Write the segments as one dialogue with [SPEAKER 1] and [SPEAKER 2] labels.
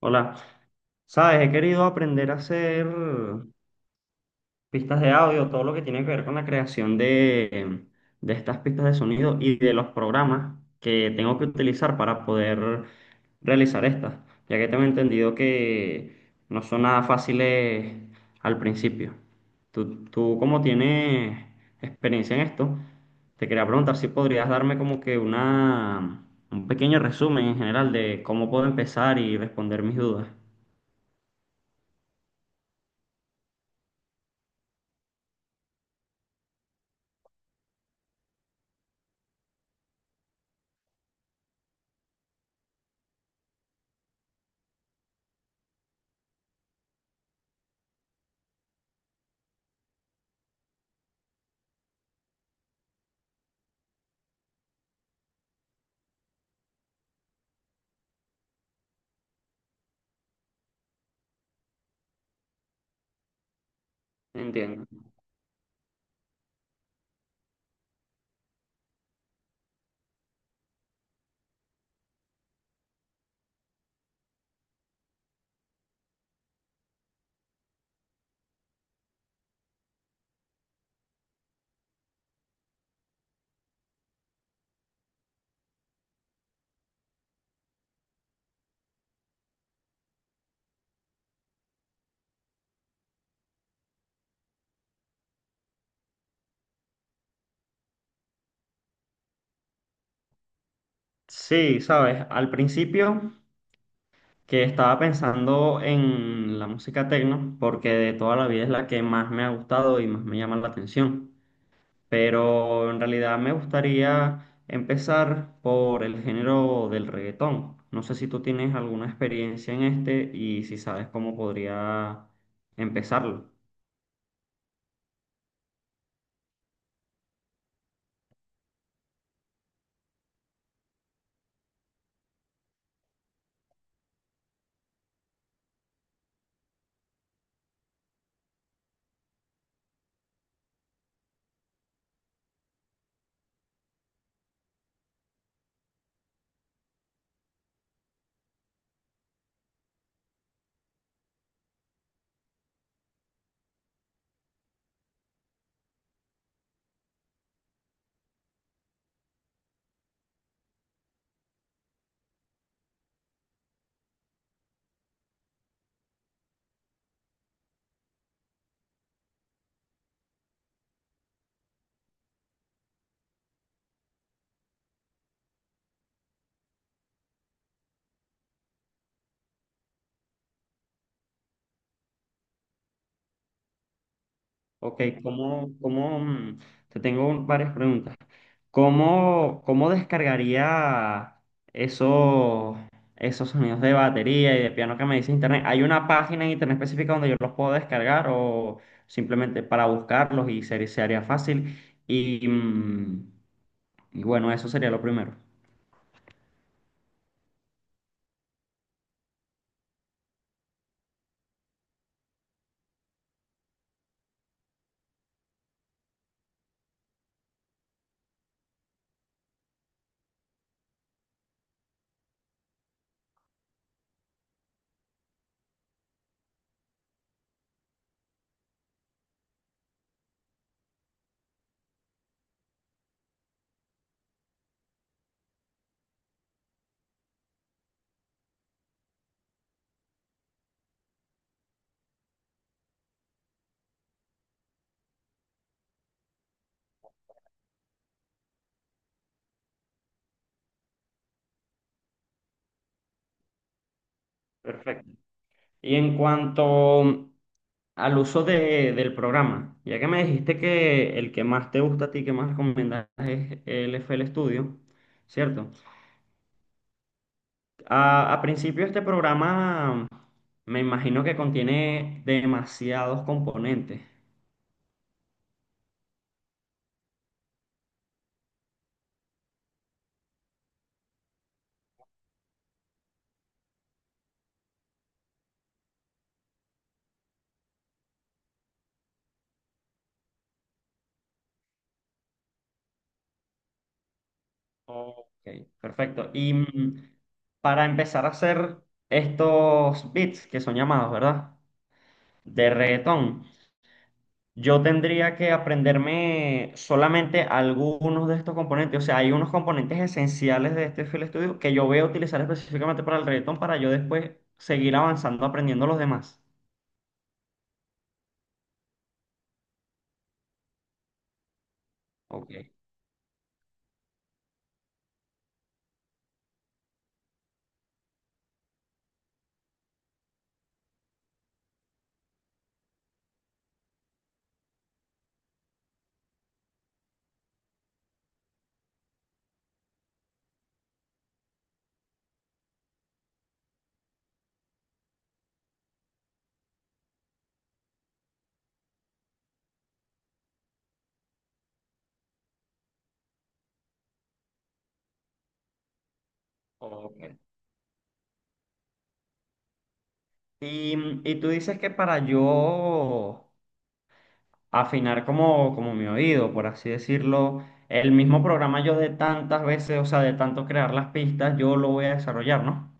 [SPEAKER 1] Hola, sabes, he querido aprender a hacer pistas de audio, todo lo que tiene que ver con la creación de estas pistas de sonido y de los programas que tengo que utilizar para poder realizar estas, ya que tengo entendido que no son nada fáciles al principio. Tú como tienes experiencia en esto, te quería preguntar si podrías darme como que un pequeño resumen en general de cómo puedo empezar y responder mis dudas. Entiendo. Sí, sabes, al principio que estaba pensando en la música techno, porque de toda la vida es la que más me ha gustado y más me llama la atención, pero en realidad me gustaría empezar por el género del reggaetón. No sé si tú tienes alguna experiencia en este y si sabes cómo podría empezarlo. Ok. ¿Cómo, te tengo varias preguntas. ¿Cómo, cómo descargaría esos, esos sonidos de batería y de piano que me dice internet? ¿Hay una página en internet específica donde yo los puedo descargar o simplemente para buscarlos y se haría fácil? Y, mm, y bueno, eso sería lo primero. Perfecto. Y en cuanto al uso del programa, ya que me dijiste que el que más te gusta a ti, que más recomiendas es el FL Studio, ¿cierto? A principio este programa me imagino que contiene demasiados componentes. Ok, perfecto. Para empezar a hacer estos beats que son llamados, ¿verdad? De reggaetón. Yo tendría que aprenderme solamente algunos de estos componentes. O sea, hay unos componentes esenciales de este FL Studio que yo voy a utilizar específicamente para el reggaetón para yo después seguir avanzando aprendiendo los demás. Ok, ok. Y tú dices que para yo afinar como mi oído, por así decirlo, el mismo programa yo de tantas veces, o sea, de tanto crear las pistas, yo lo voy a desarrollar, ¿no?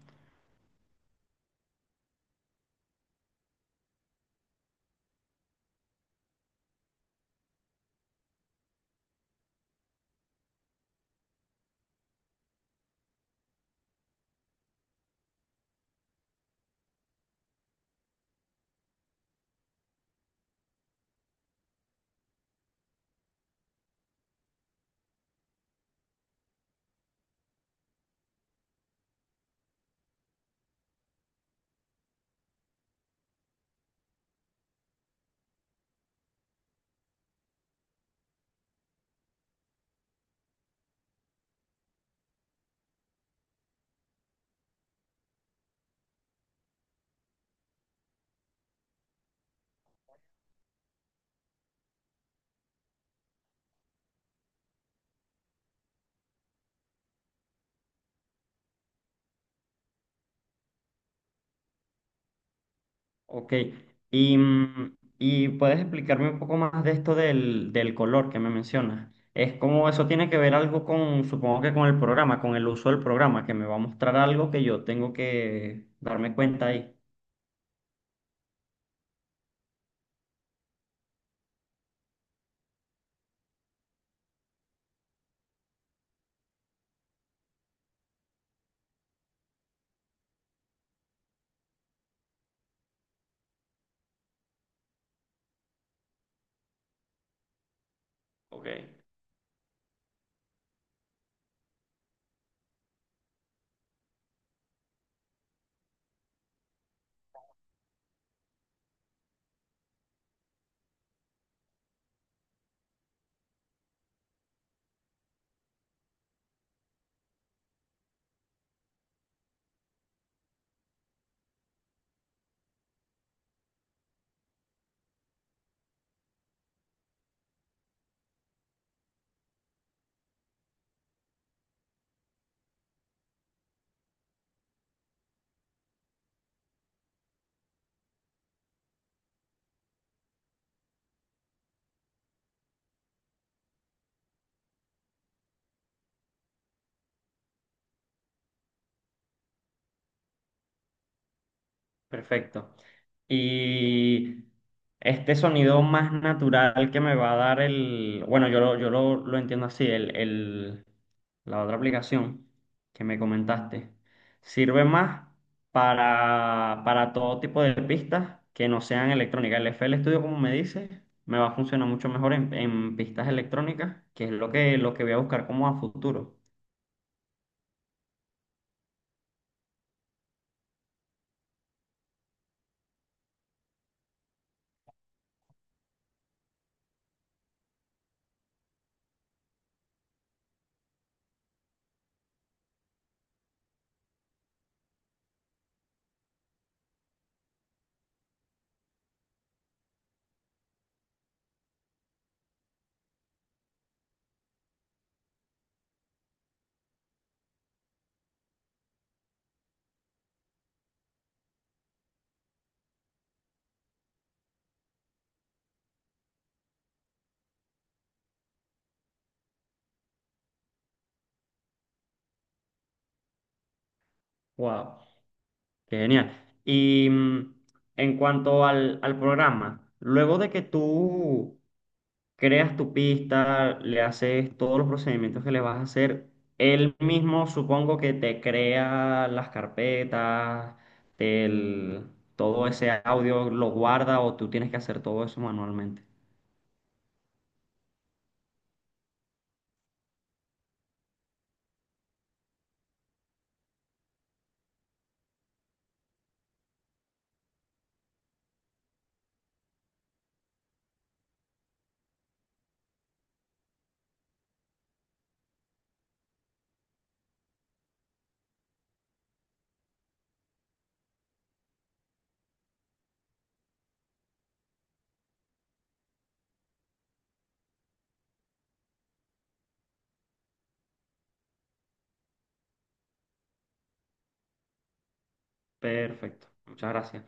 [SPEAKER 1] Ok, y puedes explicarme un poco más de esto del color que me mencionas. Es como eso tiene que ver algo con, supongo que con el programa, con el uso del programa, que me va a mostrar algo que yo tengo que darme cuenta ahí. Ok. Perfecto. Y este sonido más natural que me va a dar el, bueno, lo entiendo así, la otra aplicación que me comentaste, sirve más para todo tipo de pistas que no sean electrónicas. El FL Studio, como me dices, me va a funcionar mucho mejor en pistas electrónicas, que es lo que voy a buscar como a futuro. Wow. Qué genial. Y mm, en cuanto al, al programa, luego de que tú creas tu pista, le haces todos los procedimientos que le vas a hacer, él mismo supongo que te crea las carpetas, el, todo ese audio lo guarda o tú tienes que hacer todo eso manualmente. Perfecto. Muchas gracias.